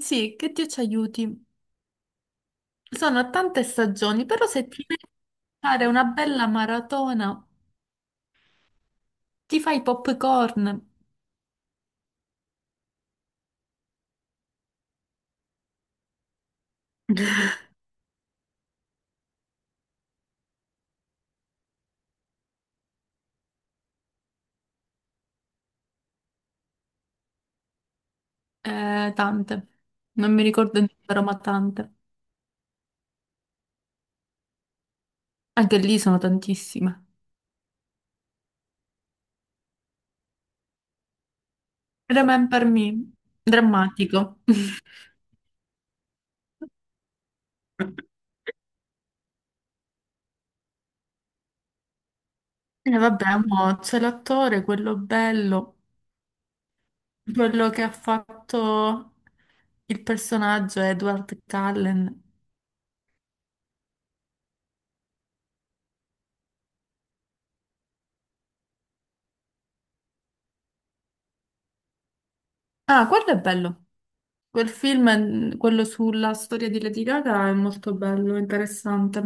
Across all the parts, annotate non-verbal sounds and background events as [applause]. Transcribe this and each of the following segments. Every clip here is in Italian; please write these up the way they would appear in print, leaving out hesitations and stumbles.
Sì, che Dio ci aiuti. Sono tante stagioni, però se ti devi fare una bella maratona, ti fai i popcorn, tante. Non mi ricordo il numero, ma tante. Anche lì sono tantissime. Remember Me, drammatico. [laughs] E vabbè, mo c'è l'attore, quello bello, quello che ha fatto il personaggio Edward Cullen. Ah, quello è bello. Quel film, quello sulla storia di Lady Gaga, è molto bello, interessante.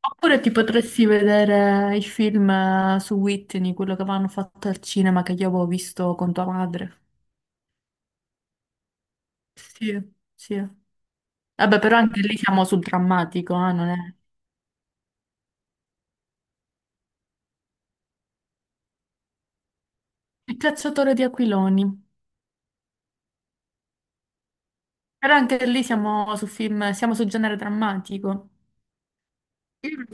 Oppure ti potresti vedere il film su Whitney, quello che avevano fatto al cinema che io avevo visto con tua madre. Sì, sì. Vabbè, però anche lì siamo sul drammatico, non è... Il cacciatore di aquiloni. Però anche lì siamo su film, siamo sul genere drammatico. Io,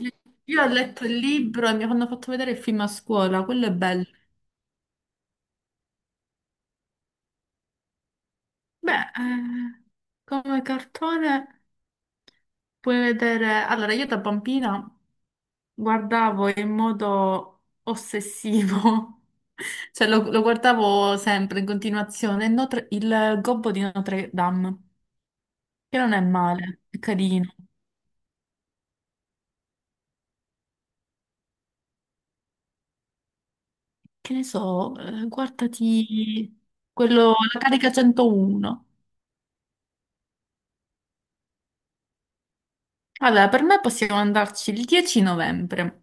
io ho letto il libro e mi hanno fatto vedere il film a scuola, quello è bello. Beh, come cartone... Puoi vedere, allora io da bambina guardavo in modo ossessivo, [laughs] cioè lo guardavo sempre in continuazione, il, Notre- il Gobbo di Notre Dame, che non è male, è carino. Che ne so, guardati quello, la carica 101. Allora, per me possiamo andarci il 10 novembre,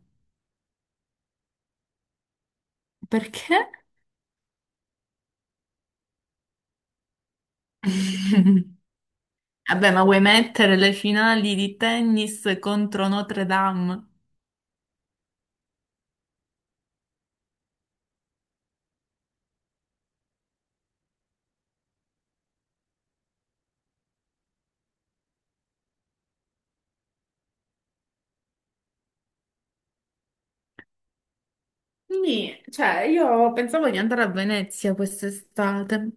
perché? [laughs] Vabbè, ma vuoi mettere le finali di tennis contro Notre Dame? Quindi, cioè, io pensavo di andare a Venezia quest'estate.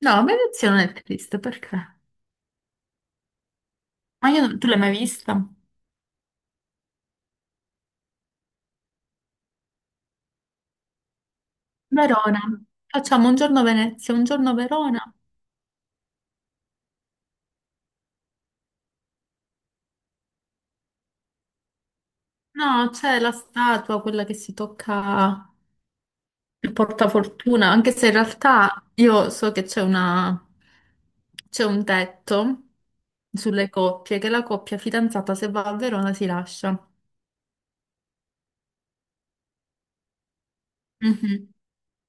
No, Venezia non è triste, perché? Ma io, tu l'hai mai vista? Verona. Facciamo un giorno Venezia, un giorno Verona. No, c'è la statua, quella che si tocca il portafortuna, anche se in realtà io so che c'è una... c'è un tetto sulle coppie, che la coppia fidanzata se va a Verona si lascia. Mhm.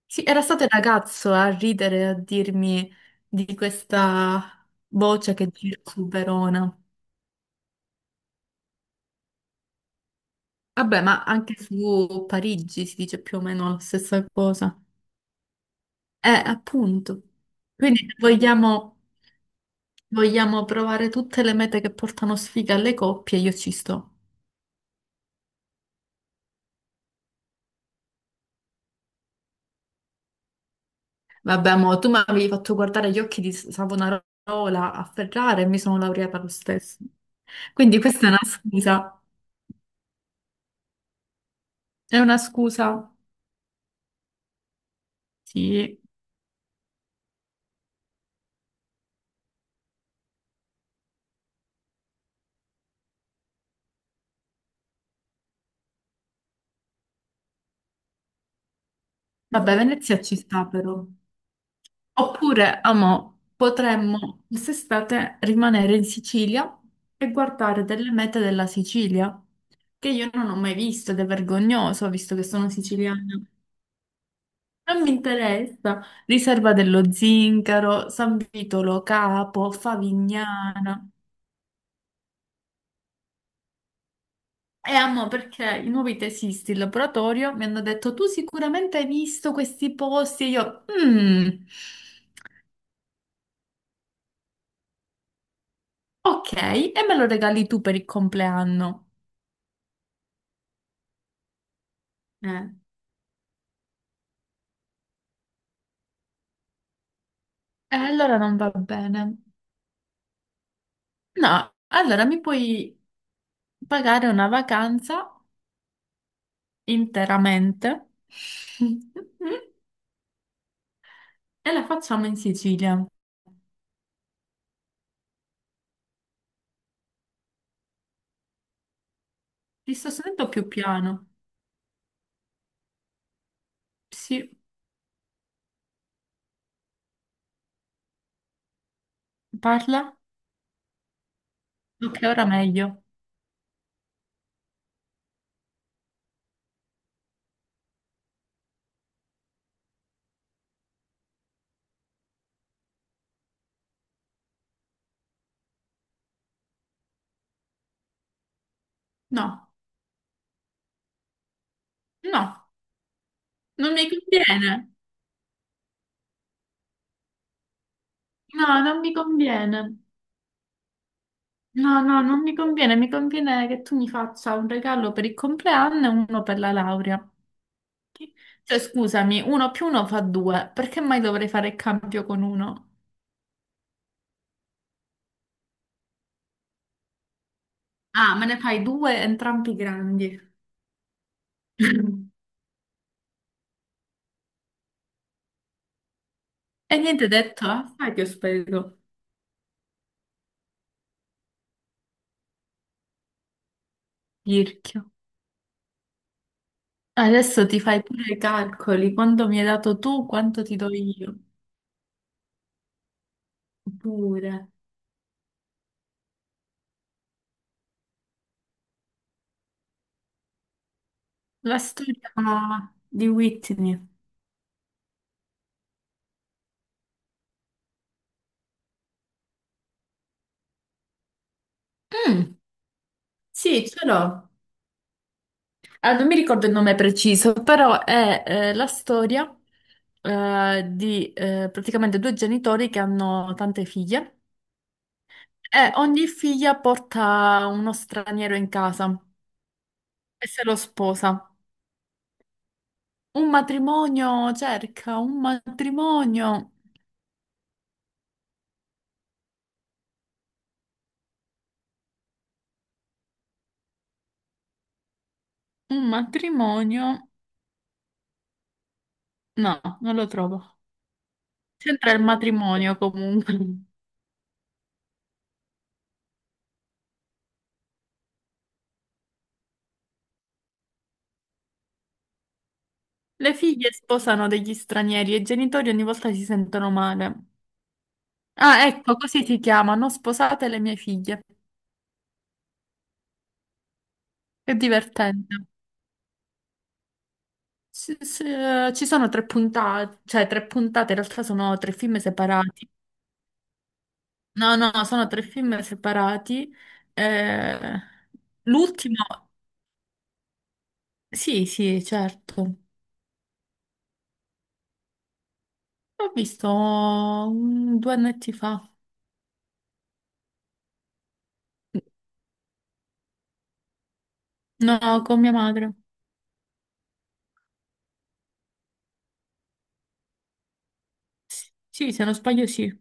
Sì, era stato il ragazzo a ridere, a dirmi di questa voce che gira su Verona. Vabbè, ma anche su Parigi si dice più o meno la stessa cosa. Appunto. Quindi vogliamo, vogliamo provare tutte le mete che portano sfiga alle coppie, io ci sto. Vabbè, mo, tu mi avevi fatto guardare gli occhi di Savonarola a Ferrara e mi sono laureata lo stesso. Quindi questa è una scusa. È una scusa. Sì. Vabbè, Venezia ci sta però. Oppure, amo, potremmo quest'estate rimanere in Sicilia e guardare delle mete della Sicilia, che io non ho mai visto ed è vergognoso, visto che sono siciliana. Non mi interessa. Riserva dello Zincaro, San Vitolo Capo, Favignana. E amo perché i nuovi tesisti in laboratorio mi hanno detto tu sicuramente hai visto questi posti e io... "Mm". Ok, e me lo regali tu per il compleanno. Eh. E allora non va bene. No, allora mi puoi pagare una vacanza interamente [laughs] e la facciamo in Sicilia. Ti sto sentendo più piano. Sì, parla? Ok, ora meglio. No, no, non mi conviene. No, non mi conviene. No, no, non mi conviene. Mi conviene che tu mi faccia un regalo per il compleanno e uno per la laurea. Cioè, scusami, uno più uno fa due, perché mai dovrei fare il cambio con uno? Ah, me ne fai due, entrambi grandi. [laughs] E niente detto, eh? Sai che ho spento. Pirchio. Adesso ti fai pure i calcoli, quanto mi hai dato tu, quanto ti do io. Pure. La storia di Whitney. Mm, sì, ce l'ho. Ah, non mi ricordo il nome preciso, però è la storia di praticamente due genitori che hanno tante figlie e ogni figlia porta uno straniero in casa e se lo sposa. Un matrimonio cerca, un matrimonio, un matrimonio. No, non lo trovo. C'entra il matrimonio comunque. [laughs] Le figlie sposano degli stranieri e i genitori ogni volta si sentono male. Ah, ecco, così si chiama, Non sposate le mie figlie. È divertente. Sì, sì, ci sono tre puntate, cioè tre puntate, in realtà sono tre film separati. No, no, sono tre film separati. Eh, l'ultimo, sì, sì, certo. L'ho visto mm, due annetti fa. No, con mia madre. Sì, se non sbaglio, sì.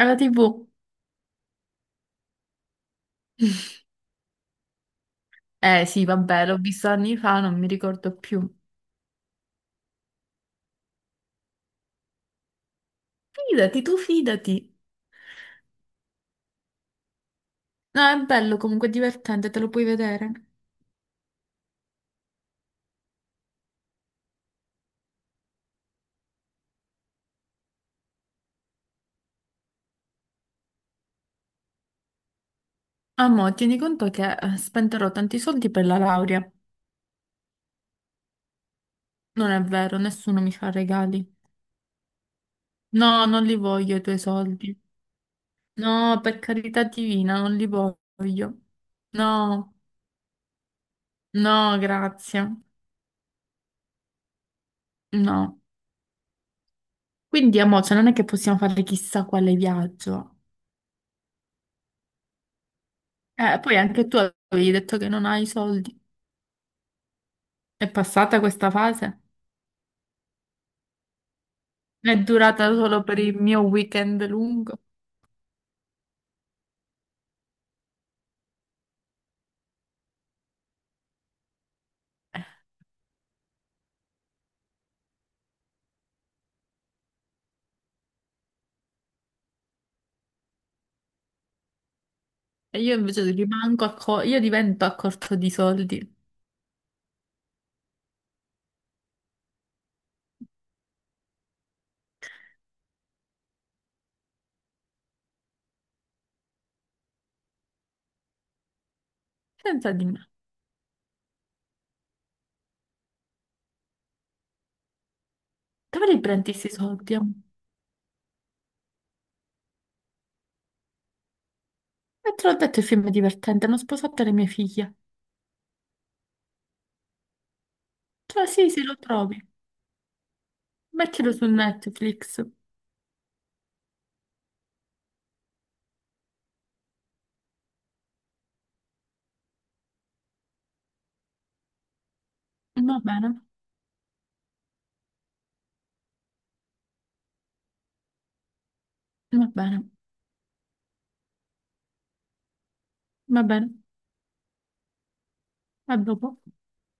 Alla TV. [laughs] Eh sì, vabbè, l'ho visto anni fa, non mi ricordo più. Fidati, tu fidati. No, è bello, comunque è divertente, te lo puoi vedere. Ah, mo, tieni conto che spenderò tanti soldi per la laurea. Non è vero, nessuno mi fa regali. No, non li voglio i tuoi soldi. No, per carità divina, non li voglio. No, no, grazie. No. Quindi, amore, cioè, non è che possiamo fare chissà quale viaggio. Poi anche tu avevi detto che non hai soldi. È passata questa fase? È durata solo per il mio weekend lungo? E io invece rimango a co- io divento a corto di soldi. Senza di me. Dove li prendi questi soldi? Amore? E te l'ho detto, il film è divertente, hanno sposato le mie figlie. Cioè, sì, sì, lo trovi. Mettilo su Netflix. Va bene, va bene, va bene. A dopo.